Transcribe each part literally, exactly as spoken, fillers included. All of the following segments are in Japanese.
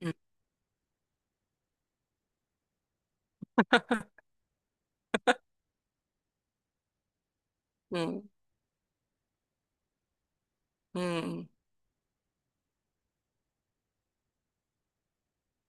うん。うん。うん。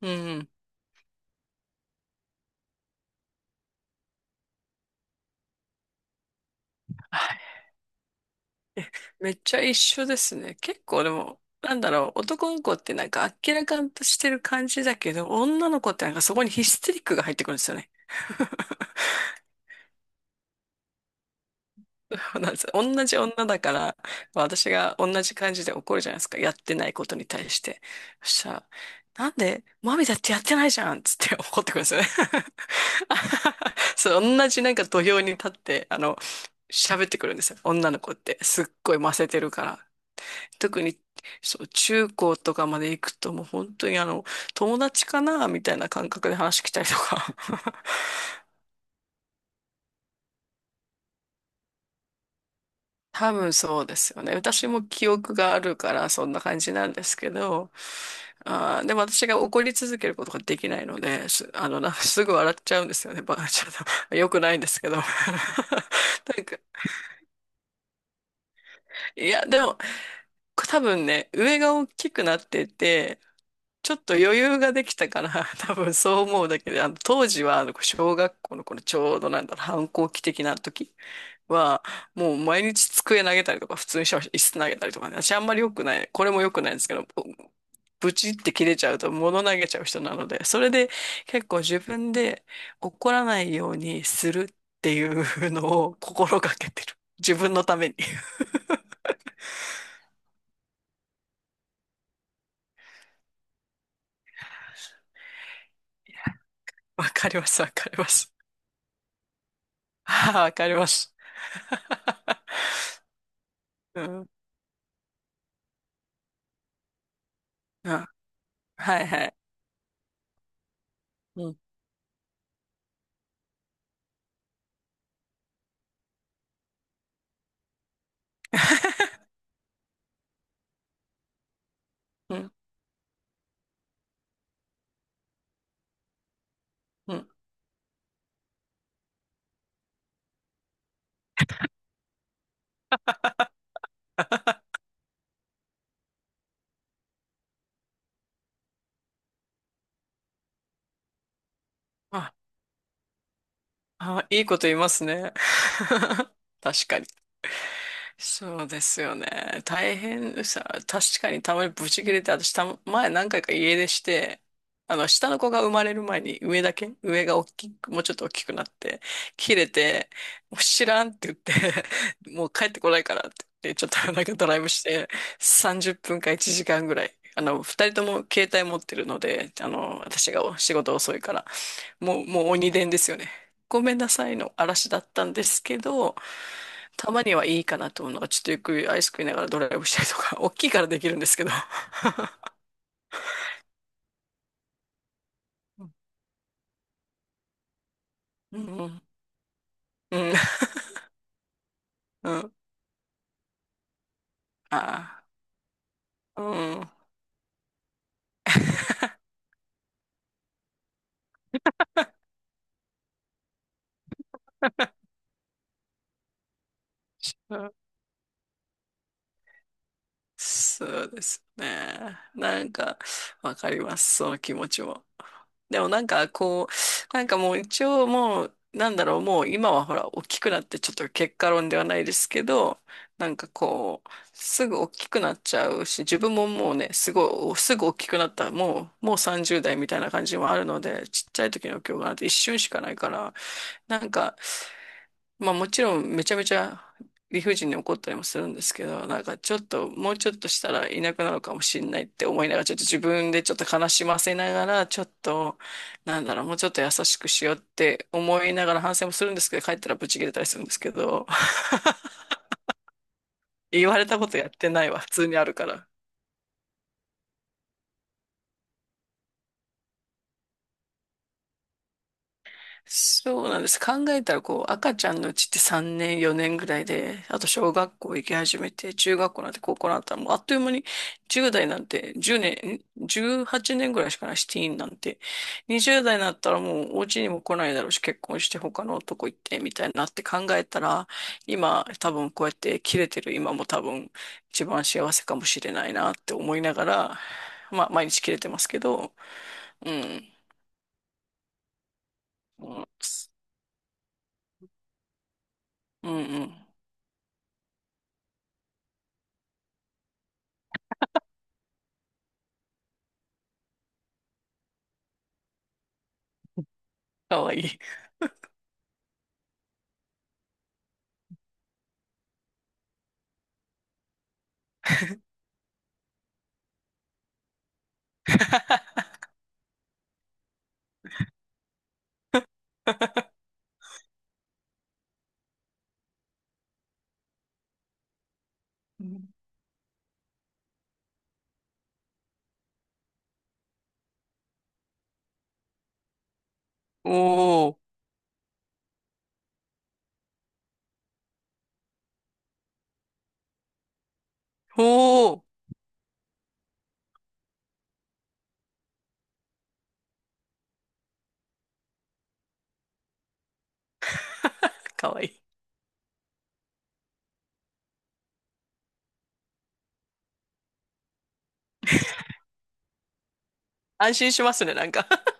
うん。はい。めっちゃ一緒ですね。結構でも、なんだろう、男の子ってなんか明らかんとしてる感じだけど、女の子ってなんかそこにヒステリックが入ってくるんですよね。そうなんです。同じ女だから、私が同じ感じで怒るじゃないですか。やってないことに対して。そしたら、なんで、マミだってやってないじゃんっつって怒ってくるんですよね。そう、同じなんか土俵に立って、あの、喋ってくるんですよ。女の子って。すっごいませてるから。特に、そう、中高とかまで行くともう本当にあの、友達かなみたいな感覚で話来たりとか。多分そうですよね。私も記憶があるからそんな感じなんですけど、あー、でも私が怒り続けることができないので、す、あの、なすぐ笑っちゃうんですよね。ば、ちょっと、良くないんですけど。なんか、いや、でも、多分ね、上が大きくなってて、ちょっと余裕ができたから、多分そう思うだけで、あの、当時は、あの、小学校のこのちょうどなんだろう、反抗期的な時は、もう毎日机投げたりとか、普通にしてました。椅子投げたりとかね、私あんまり良くない、これも良くないんですけど、ブチって切れちゃうと物投げちゃう人なので、それで結構自分で怒らないようにするっていうのを心がけてる。自分のために。わかります、わかります。ああ、わかります。うん、あ、はいはい。うん、うん、うん。あ、あ、いいこと言いますね。確かに。そうですよね。大変さ、確かにたまにブチ切れて、私たま、前何回か家出して、あの、下の子が生まれる前に上だけ、上が大きく、もうちょっと大きくなって、切れて、もう知らんって言って、もう帰ってこないからって言って、ちょっと なんかドライブして、さんじゅっぷんかいちじかんぐらい。あの、二人とも携帯持ってるので、あの、私が仕事遅いから、もう、もう鬼伝ですよね。ごめんなさいの嵐だったんですけど、たまにはいいかなと思うのが、ちょっとゆっくりアイス食いながらドライブしたりとか、大きいからできるんですけど。うんうん。うん。うん。ああ。うん。うん。そうですね。なんか、わかります。その気持ちも。でもなんか、こう、なんかもう一応もう、なんだろう、もう今はほら、大きくなってちょっと結果論ではないですけど、なんかこう、すぐ大きくなっちゃうし、自分ももうね、すごい、すぐ大きくなった、もう、もうさんじゅうだい代みたいな感じもあるので、ちっちゃい時の記憶なんて一瞬しかないから、なんか、まあもちろんめちゃめちゃ理不尽に怒ったりもするんですけど、なんかちょっともうちょっとしたらいなくなるかもしれないって思いながら、ちょっと自分でちょっと悲しませながら、ちょっと、なんだろう、もうちょっと優しくしようって思いながら反省もするんですけど、帰ったらブチ切れたりするんですけど、言われたことやってないわ、普通にあるから。そうなんです。考えたら、こう、赤ちゃんのうちってさんねん、よねんぐらいで、あと小学校行き始めて、中学校なんて高校なんて、もうあっという間に、じゅうだい代なんていちねん、んじゅうはちねんぐらいしかないし、ティーンなんて。にじゅうだい代になったらもうお家にも来ないだろうし、結婚して他の男行って、みたいになって考えたら、今、多分こうやって切れてる今も多分一番幸せかもしれないなって思いながら、まあ、毎日切れてますけど、うん。うん、うん、うん。かわいい。うん。おお、おお、かわいい。安心しますね、なんか。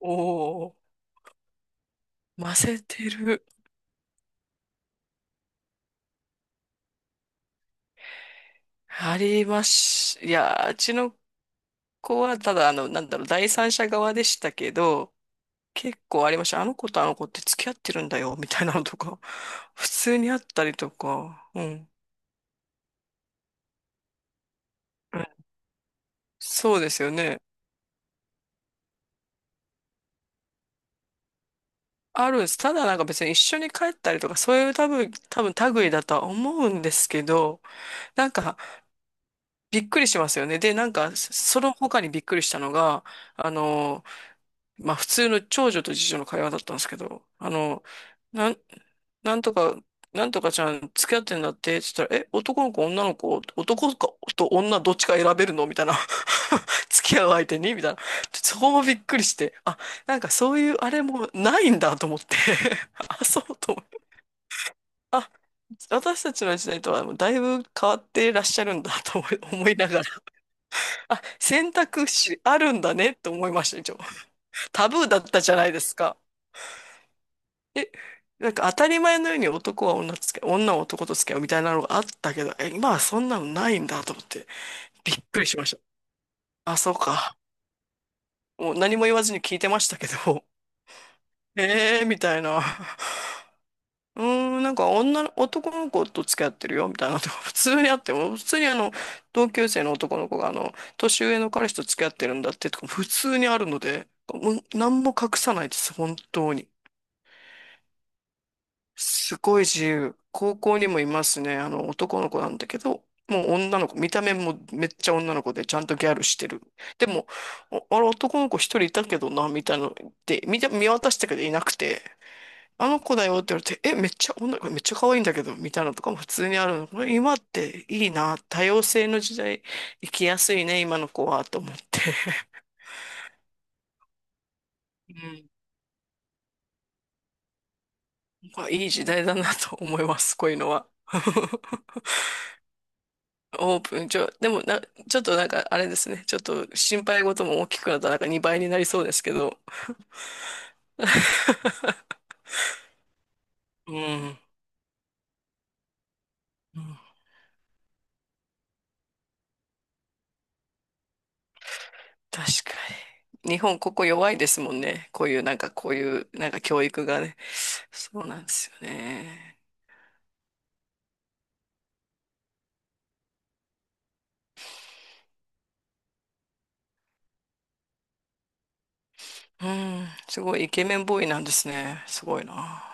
おお、ませてる。ありまし、いや、うちの子はただ、あの、なんだろう、第三者側でしたけど、結構ありました。あの子とあの子って付き合ってるんだよ、みたいなのとか、普通にあったりとか、うん。うん。そうですよね。あるんです。ただなんか別に一緒に帰ったりとか、そういう多分、多分類だとは思うんですけど、なんかびっくりしますよね。で、なんか、その他にびっくりしたのが、あの、まあ、普通の長女と次女の会話だったんですけど、あの、なん、なんとか、なんとかちゃん付き合ってんだってって言ったら、え、男の子、女の子、男かと女どっちか選べるのみたいな。付き合う相手にみたいな。そこもびっくりして、あ、なんかそういうあれもないんだと思って、あ、そうと思って。あ、私たちの時代とはもうだいぶ変わってらっしゃるんだと思い思いながら、あ、選択肢あるんだねって思いました、一応。タブーだったじゃないですか。え、なんか当たり前のように男は女と付き合う、女は男と付き合うみたいなのがあったけど、え、今はそんなのないんだと思って、びっくりしました。あ、そうか。もう何も言わずに聞いてましたけど、えー、みたいな。うーん、なんか女の、男の子と付き合ってるよみたいなとこ、普通にあっても、普通にあの、同級生の男の子があの、年上の彼氏と付き合ってるんだってとか、普通にあるので、もう何も隠さないです、本当に。すごい自由。高校にもいますね、あの、男の子なんだけど、もう女の子、見た目もめっちゃ女の子でちゃんとギャルしてる。でも、おあれ男の子一人いたけどな、みたいなので、見た、見渡したけどいなくて、あの子だよって言われて、え、めっちゃ女、これめっちゃ可愛いんだけど、みたいなのとかも普通にあるの。これ今っていいな、多様性の時代、生きやすいね、今の子は、と思って。うん、まあいい時代だなと思います、こういうのは。オープン、ちょ、でもな、ちょっとなんかあれですね、ちょっと心配事も大きくなったらなんかにばいになりそうですけど。うん、うん。確かに。日本ここ弱いですもんね。こういうなんかこういうなんか教育がね。そうなんですよね。うん、すごいイケメンボーイなんですね。すごいな。